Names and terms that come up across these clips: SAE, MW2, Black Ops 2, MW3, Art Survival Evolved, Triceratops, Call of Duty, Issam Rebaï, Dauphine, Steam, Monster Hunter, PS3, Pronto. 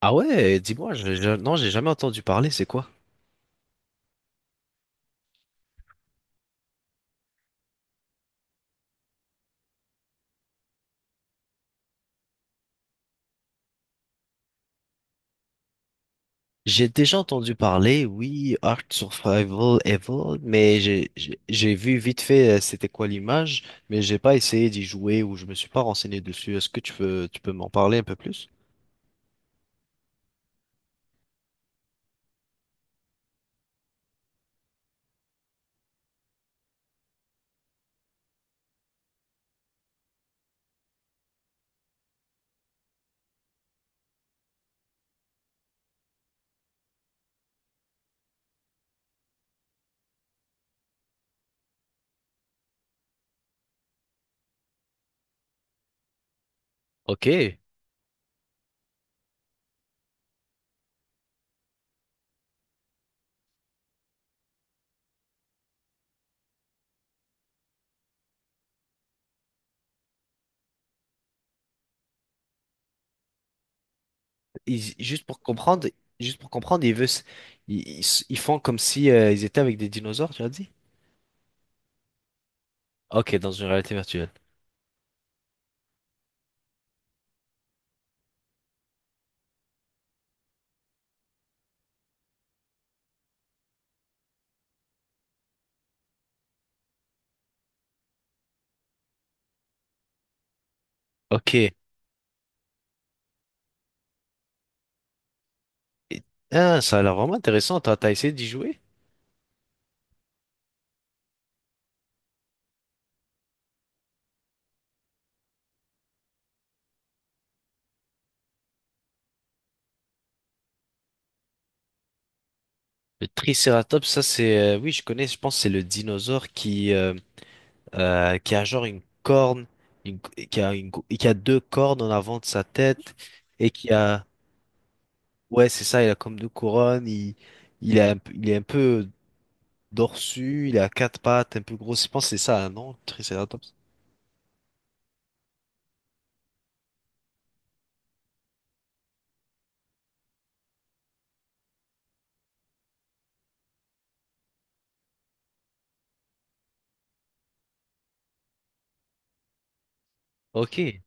Ah ouais, dis-moi, non, j'ai jamais entendu parler, c'est quoi? J'ai déjà entendu parler, oui, Art Survival Evolved, mais j'ai vu vite fait, c'était quoi l'image, mais j'ai pas essayé d'y jouer ou je me suis pas renseigné dessus. Est-ce que tu peux m'en parler un peu plus? Ok. Juste pour comprendre, juste pour comprendre, ils font comme si ils étaient avec des dinosaures, tu as dit? Ok, dans une réalité virtuelle. Ok. Ah, ça a l'air vraiment intéressant. T'as essayé d'y jouer? Le Triceratops, ça c'est, oui, je connais. Je pense que c'est le dinosaure qui a genre une corne, qui a qui a deux cornes en avant de sa tête et qui a, ouais, c'est ça. Il a comme deux couronnes. Il a un peu- il est un peu dorsu. Il a quatre pattes, un peu gros. Je pense que c'est ça, hein, non, Triceratops. Ok,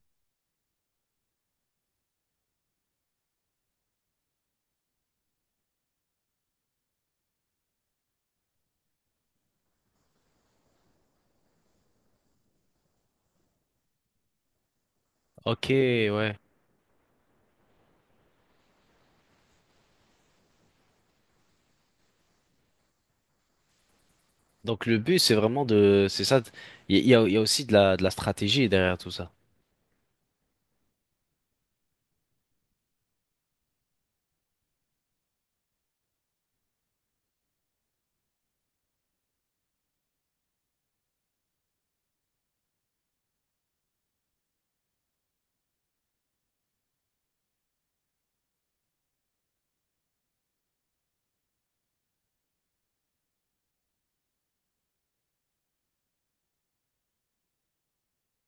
ok, ouais. Donc le but c'est vraiment de, c'est ça. Il y a aussi de la stratégie derrière tout ça.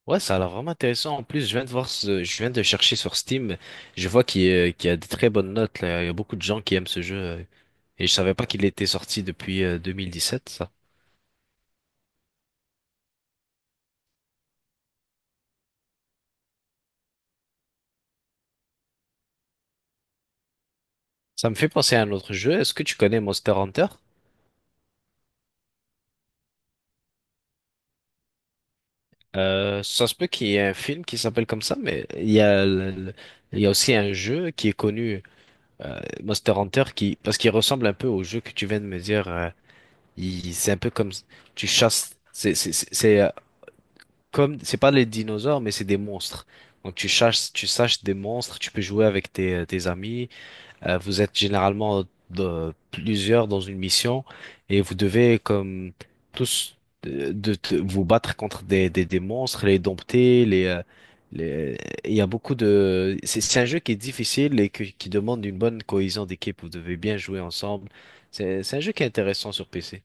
Ouais, ça a l'air vraiment intéressant. En plus, je viens de voir, je viens de chercher sur Steam. Je vois qu'il y a des très bonnes notes là. Il y a beaucoup de gens qui aiment ce jeu. Et je savais pas qu'il était sorti depuis 2017, ça. Ça me fait penser à un autre jeu. Est-ce que tu connais Monster Hunter? Ça se peut qu'il y ait un film qui s'appelle comme ça, mais il y a, il y a aussi un jeu qui est connu, Monster Hunter, qui, parce qu'il ressemble un peu au jeu que tu viens de me dire. C'est un peu comme tu chasses. C'est comme c'est pas les dinosaures mais c'est des monstres. Donc tu chasses tu saches des monstres, tu peux jouer avec tes tes amis. Vous êtes généralement plusieurs dans une mission et vous devez comme tous vous battre contre des monstres, les dompter, les il y a beaucoup de c'est un jeu qui est difficile et qui demande une bonne cohésion d'équipe, vous devez bien jouer ensemble. C'est un jeu qui est intéressant sur PC.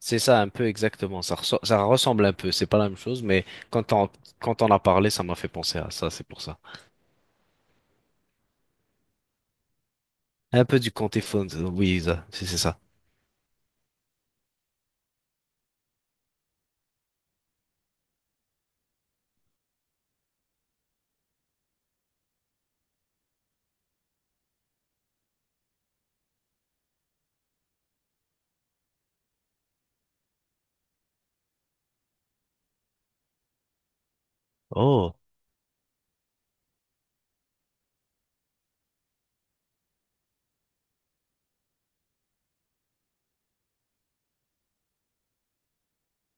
C'est ça, un peu exactement. Ça, ça ressemble un peu. C'est pas la même chose, mais quand on, quand on a parlé, ça m'a fait penser à ça. C'est pour ça. Un peu du Comté Phones. Oui, c'est ça. Oh,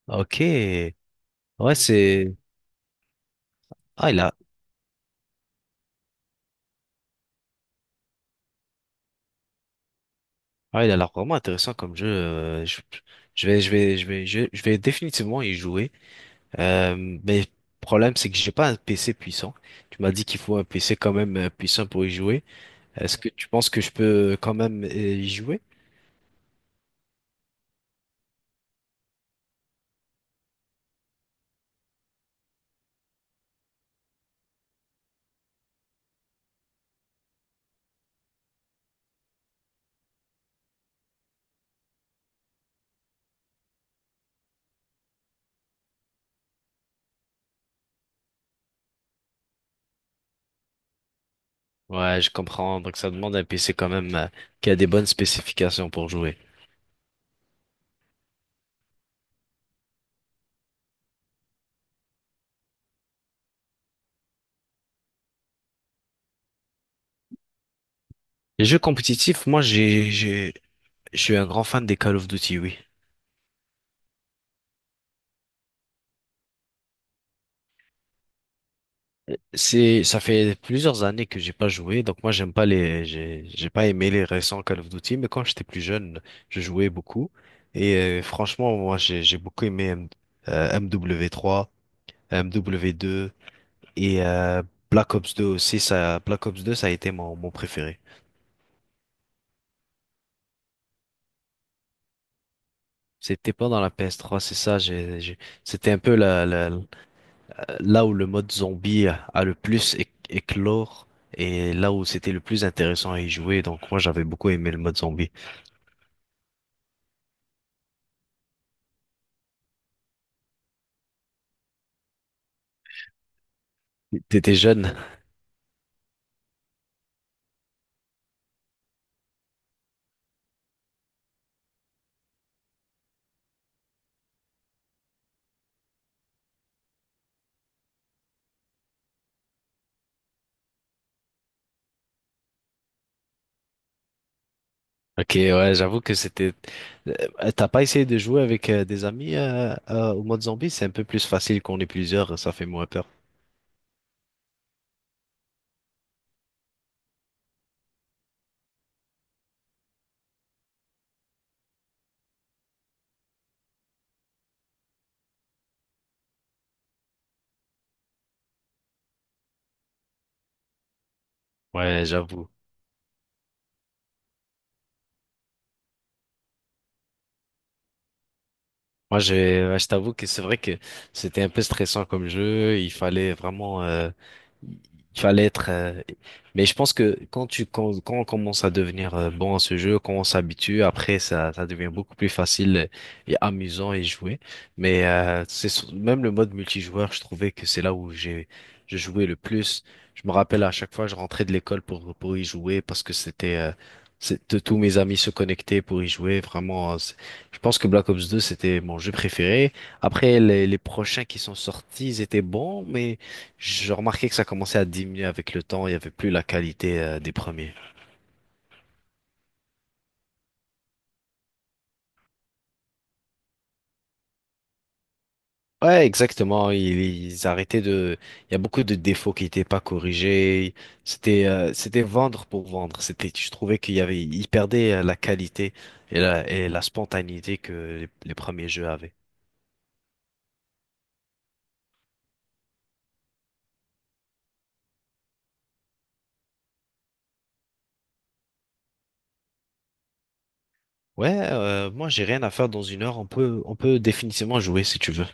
ok. Ouais, c'est. Ah, ah, il a l'air vraiment intéressant comme jeu. Je vais définitivement y jouer. Mais le problème, c'est que j'ai pas un PC puissant. Tu m'as dit qu'il faut un PC quand même puissant pour y jouer. Est-ce que tu penses que je peux quand même y jouer? Ouais, je comprends. Donc ça demande un PC quand même qui a des bonnes spécifications pour jouer. Les jeux compétitifs, moi j'ai je suis un grand fan des Call of Duty, oui. Ça fait plusieurs années que j'ai pas joué, donc moi j'aime pas les, j'ai pas aimé les récents Call of Duty, mais quand j'étais plus jeune, je jouais beaucoup. Et franchement, j'ai beaucoup aimé MW3, MW2 et Black Ops 2 aussi. Ça, Black Ops 2, ça a été mon préféré. C'était pas dans la PS3, c'est ça. C'était un peu là où le mode zombie a le plus éclore et là où c'était le plus intéressant à y jouer. Donc moi j'avais beaucoup aimé le mode zombie. T'étais jeune. Ok, ouais, j'avoue que c'était. T'as pas essayé de jouer avec des amis au mode zombie? C'est un peu plus facile qu'on est plusieurs, ça fait moins peur. Ouais, j'avoue. Moi, ouais, je t'avoue que c'est vrai que c'était un peu stressant comme jeu. Il fallait vraiment, il fallait être. Euh, mais je pense que quand on commence à devenir bon à ce jeu, quand on s'habitue, après ça, ça devient beaucoup plus facile et amusant et jouer. Mais même le mode multijoueur, je trouvais que c'est là où je jouais le plus. Je me rappelle à chaque fois, je rentrais de l'école pour y jouer parce que c'était, tous mes amis se connectaient pour y jouer. Vraiment, je pense que Black Ops 2, c'était mon jeu préféré. Après, les prochains qui sont sortis, ils étaient bons, mais je remarquais que ça commençait à diminuer avec le temps. Il n'y avait plus la qualité, des premiers. Ouais, exactement. Ils arrêtaient de... Il y a beaucoup de défauts qui n'étaient pas corrigés. C'était vendre pour vendre. C'était, je trouvais qu'il y avait... Ils perdaient la qualité et et la spontanéité que les premiers jeux avaient. Ouais, moi, j'ai rien à faire dans une heure. On peut définitivement jouer si tu veux.